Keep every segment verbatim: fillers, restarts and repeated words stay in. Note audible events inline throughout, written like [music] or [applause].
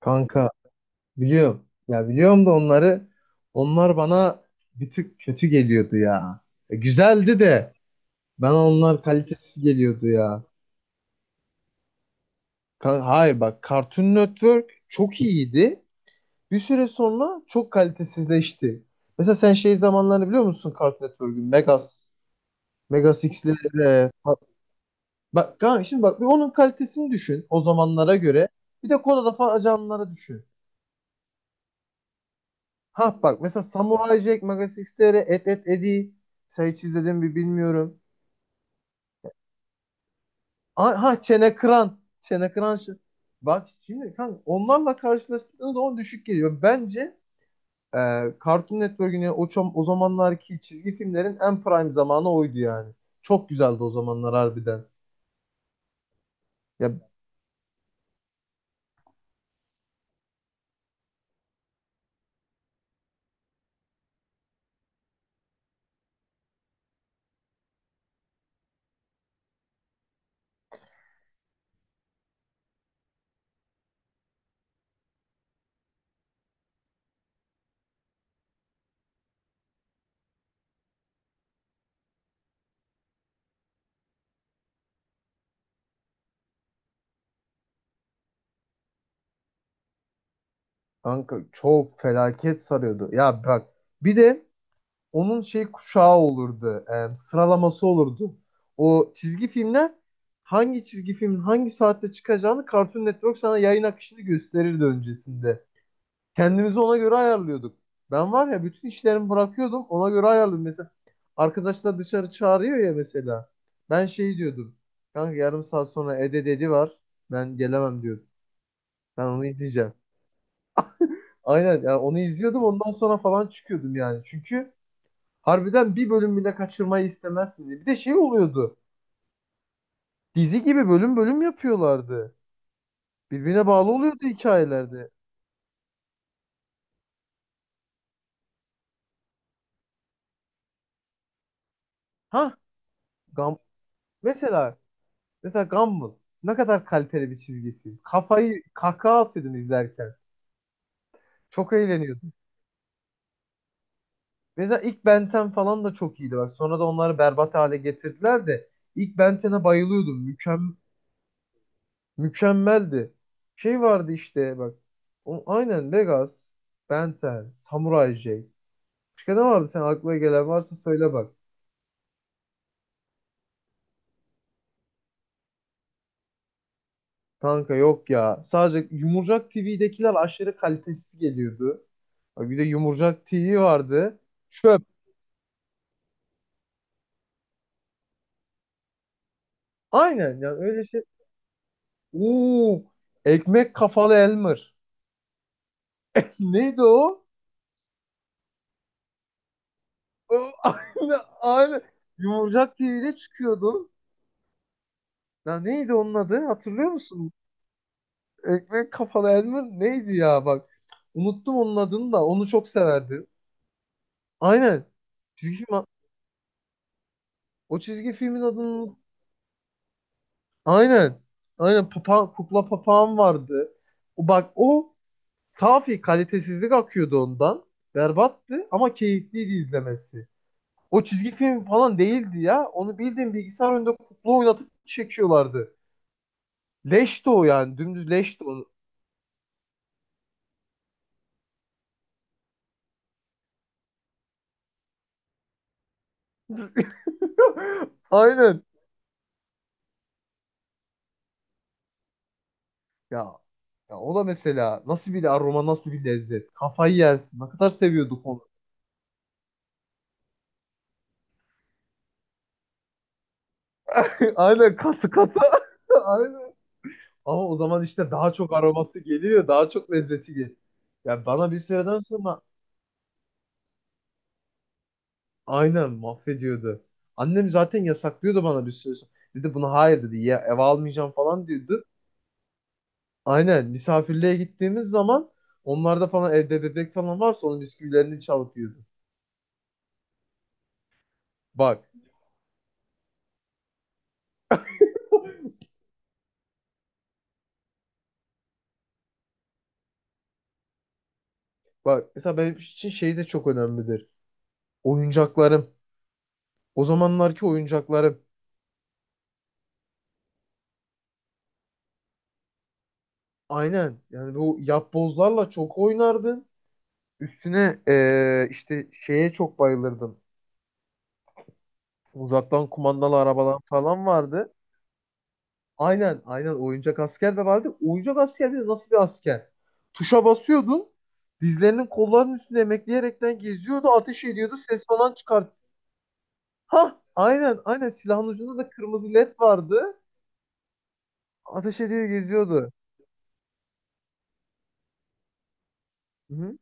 Kanka biliyorum. Ya biliyorum da onları onlar bana bir tık kötü geliyordu ya. E, güzeldi de ben onlar kalitesiz geliyordu ya. Kan- Hayır bak, Cartoon Network çok iyiydi. Bir süre sonra çok kalitesizleşti. Mesela sen şey zamanlarını biliyor musun Cartoon Network'ün? Megas, Megas X'lere. Ha- Bak kanka, şimdi bak bir onun kalitesini düşün o zamanlara göre. Bir de Kodalı Ajanları düşün. Ha bak, mesela Samurai Jack, Magas X T R, Et Et Edi. Mesela hiç izledim mi bilmiyorum. A- Ha, Çene Kıran. Çene Kıran. şu- Bak şimdi kanka, onlarla karşılaştığınız zaman düşük geliyor. Bence e, Cartoon Network'ün ya o, çam- o zamanlarki çizgi filmlerin en prime zamanı oydu yani. Çok güzeldi o zamanlar harbiden. Ya kanka, çok felaket sarıyordu. Ya bak, bir de onun şey kuşağı olurdu. e, sıralaması olurdu. O çizgi filmler, hangi çizgi filmin hangi saatte çıkacağını Cartoon Network sana yayın akışını gösterirdi öncesinde. Kendimizi ona göre ayarlıyorduk. Ben var ya, bütün işlerimi bırakıyordum, ona göre ayarlıyordum. Mesela arkadaşlar dışarı çağırıyor ya mesela. Ben şey diyordum. Kanka, yarım saat sonra Ede dedi var. Ben gelemem diyordum. Ben onu izleyeceğim. Aynen yani, onu izliyordum, ondan sonra falan çıkıyordum yani. Çünkü harbiden bir bölüm bile kaçırmayı istemezsin diye. Bir de şey oluyordu. Dizi gibi bölüm bölüm yapıyorlardı. Birbirine bağlı oluyordu hikayelerde. Ha, Gam mesela mesela Gumball ne kadar kaliteli bir çizgi film. Kafayı kahkaha atıyordum izlerken. Çok eğleniyordum. Mesela ilk Ben on falan da çok iyiydi bak. Sonra da onları berbat hale getirdiler de ilk Ben ona bayılıyordum. Mükem mükemmeldi. Şey vardı işte bak. O, aynen Legas, Ben on, Samurai Jack. Başka ne vardı, sen aklına gelen varsa söyle bak. Kanka yok ya. Sadece Yumurcak T V'dekiler aşırı kalitesiz geliyordu. Bak bir de Yumurcak T V vardı. Çöp. Aynen yani, öyle şey. Oo, ekmek kafalı Elmer. [laughs] Neydi o? O- [laughs] aynı aynı. Yumurcak T V'de çıkıyordu. Ya neydi onun adı? Hatırlıyor musun? Ekmek kafalı Elmer neydi ya bak. Unuttum onun adını da. Onu çok severdim. Aynen. Çizgi film. O çizgi filmin adını. Aynen. Aynen papa, kukla papağan vardı. O bak, o safi kalitesizlik akıyordu ondan. Berbattı ama keyifliydi izlemesi. O çizgi film falan değildi ya. Onu bildiğin bilgisayar önünde kukla oynatıp çekiyorlardı. Leşti o yani. Dümdüz leşti o. [laughs] Aynen. Ya, ya o da mesela nasıl bir aroma, nasıl bir lezzet. Kafayı yersin. Ne kadar seviyorduk onu. [laughs] Aynen katı katı. [laughs] Aynen. Ama o zaman işte daha çok aroması geliyor, daha çok lezzeti geliyor. Ya bana bir süreden sonra aynen mahvediyordu. Annem zaten yasaklıyordu bana bir süre sonra. Dedi buna hayır, dedi ya, eve almayacağım falan diyordu. Aynen, misafirliğe gittiğimiz zaman onlarda falan, evde bebek falan varsa, onun bisküvilerini çalıp yiyordu. Bak bak mesela, benim için şey de çok önemlidir. Oyuncaklarım. O zamanlarki oyuncaklarım. Aynen yani, bu yapbozlarla çok oynardım. Üstüne eee, işte şeye çok bayılırdım. Uzaktan kumandalı arabalar falan vardı. Aynen aynen, oyuncak asker de vardı. Oyuncak asker de nasıl bir asker? Tuşa basıyordun. Dizlerinin kollarının üstünde emekleyerekten geziyordu. Ateş ediyordu. Ses falan çıkart. Ha aynen aynen, silahın ucunda da kırmızı led vardı. Ateş ediyor geziyordu. Hı-hı.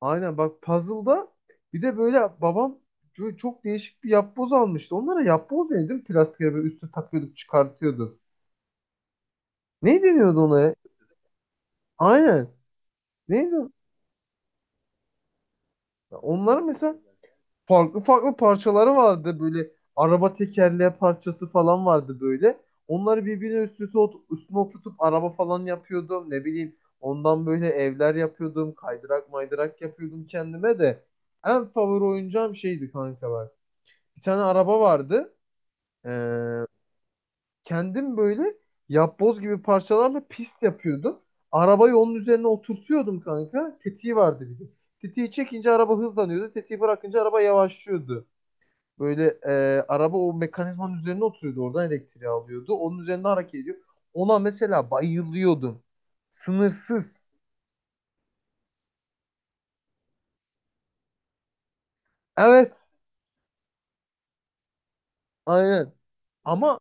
Aynen bak, puzzle'da bir de, böyle babam, böyle çok değişik bir yapboz almıştı. Onlara yapboz neydi? Plastik böyle üstü takıyorduk, çıkartıyordu. Ne deniyordu ona? Aynen. Neydi o? Onların mesela farklı farklı parçaları vardı böyle. Araba tekerleği parçası falan vardı böyle. Onları birbirine üst üste ot- üstüne oturtup araba falan yapıyordum. Ne bileyim, ondan böyle evler yapıyordum. Kaydırak maydırak yapıyordum kendime de. En favori oyuncağım şeydi kanka bak. Bir tane araba vardı. Ee, kendim böyle yapboz gibi parçalarla pist yapıyordum. Arabayı onun üzerine oturtuyordum kanka. Tetiği vardı bir de. Tetiği çekince araba hızlanıyordu. Tetiği bırakınca araba yavaşlıyordu. Böyle e, araba o mekanizmanın üzerine oturuyordu. Oradan elektriği alıyordu. Onun üzerinde hareket ediyor. Ona mesela bayılıyordum. Sınırsız. Evet. Aynen. Ama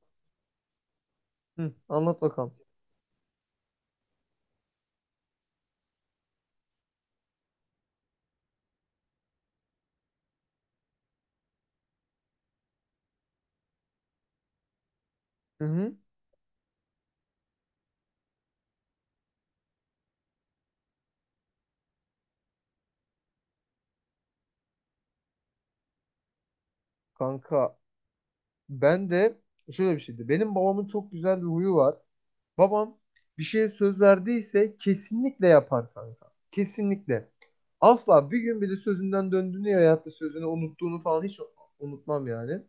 hı, anlat bakalım. Hı hı. Kanka, ben de şöyle bir şeydi. Benim babamın çok güzel bir huyu var. Babam bir şeye söz verdiyse kesinlikle yapar kanka. Kesinlikle. Asla bir gün bile sözünden döndüğünü ya da sözünü unuttuğunu falan hiç unutmam yani.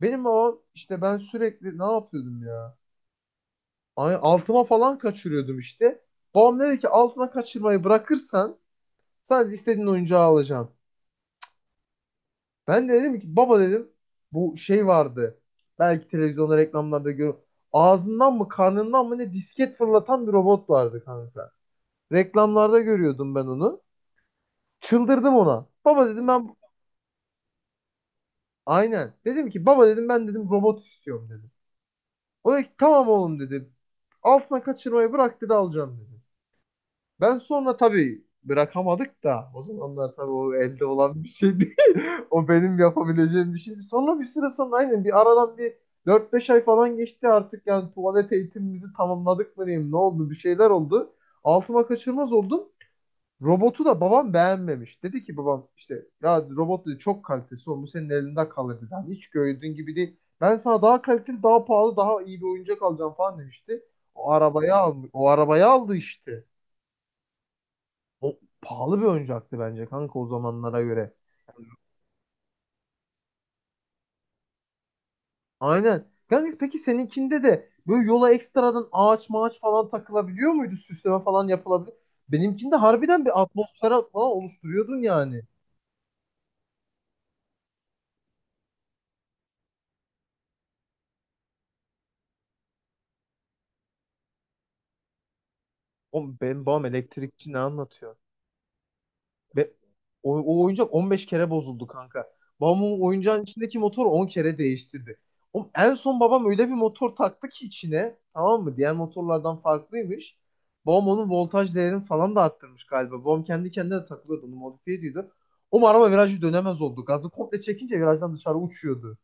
Benim babam işte, ben sürekli ne yapıyordum ya? Ay, altıma falan kaçırıyordum işte. Babam dedi ki, altına kaçırmayı bırakırsan sadece istediğin oyuncağı alacağım. Ben de dedim ki, baba dedim, bu şey vardı. Belki televizyonda reklamlarda gör. Ağzından mı karnından mı ne, disket fırlatan bir robot vardı kanka. Reklamlarda görüyordum ben onu. Çıldırdım ona. Baba dedim, ben aynen. Dedim ki baba dedim, ben dedim robot istiyorum dedim. O da ki, tamam oğlum dedi. Altına kaçırmayı bırak dedi, alacağım dedi. Ben sonra tabii bırakamadık da o zamanlar, tabii o elde olan bir şey değil. [laughs] O benim yapabileceğim bir şeydi. Sonra bir süre sonra aynen, bir aradan bir dört beş ay falan geçti artık yani, tuvalet eğitimimizi tamamladık mı diyeyim, ne oldu, bir şeyler oldu. Altıma kaçırmaz oldum. Robotu da babam beğenmemiş. Dedi ki babam, işte ya robot dedi, çok kalitesi olmuş senin elinde kalır dedi. Hani hiç gördüğün gibi değil. Ben sana daha kaliteli, daha pahalı, daha iyi bir oyuncak alacağım falan demişti. O arabayı aldı. O arabayı aldı işte. O pahalı bir oyuncaktı bence kanka, o zamanlara göre. Aynen. Kanka peki, seninkinde de böyle yola ekstradan ağaç mağaç falan takılabiliyor muydu? Süsleme falan yapılabilir. Benimkinde harbiden bir atmosfer falan oluşturuyordun yani. Oğlum, benim babam elektrikçi, ne anlatıyor? Ve o, o oyuncak on beş kere bozuldu kanka. Babamın oyuncağın içindeki motor on kere değiştirdi. Oğlum en son babam öyle bir motor taktı ki içine, tamam mı? Diğer motorlardan farklıymış. Babam onun voltaj değerini falan da arttırmış galiba. Babam kendi kendine de takılıyordu. Onu modifiye ediyordu. O araba virajı dönemez oldu. Gazı komple çekince virajdan dışarı uçuyordu.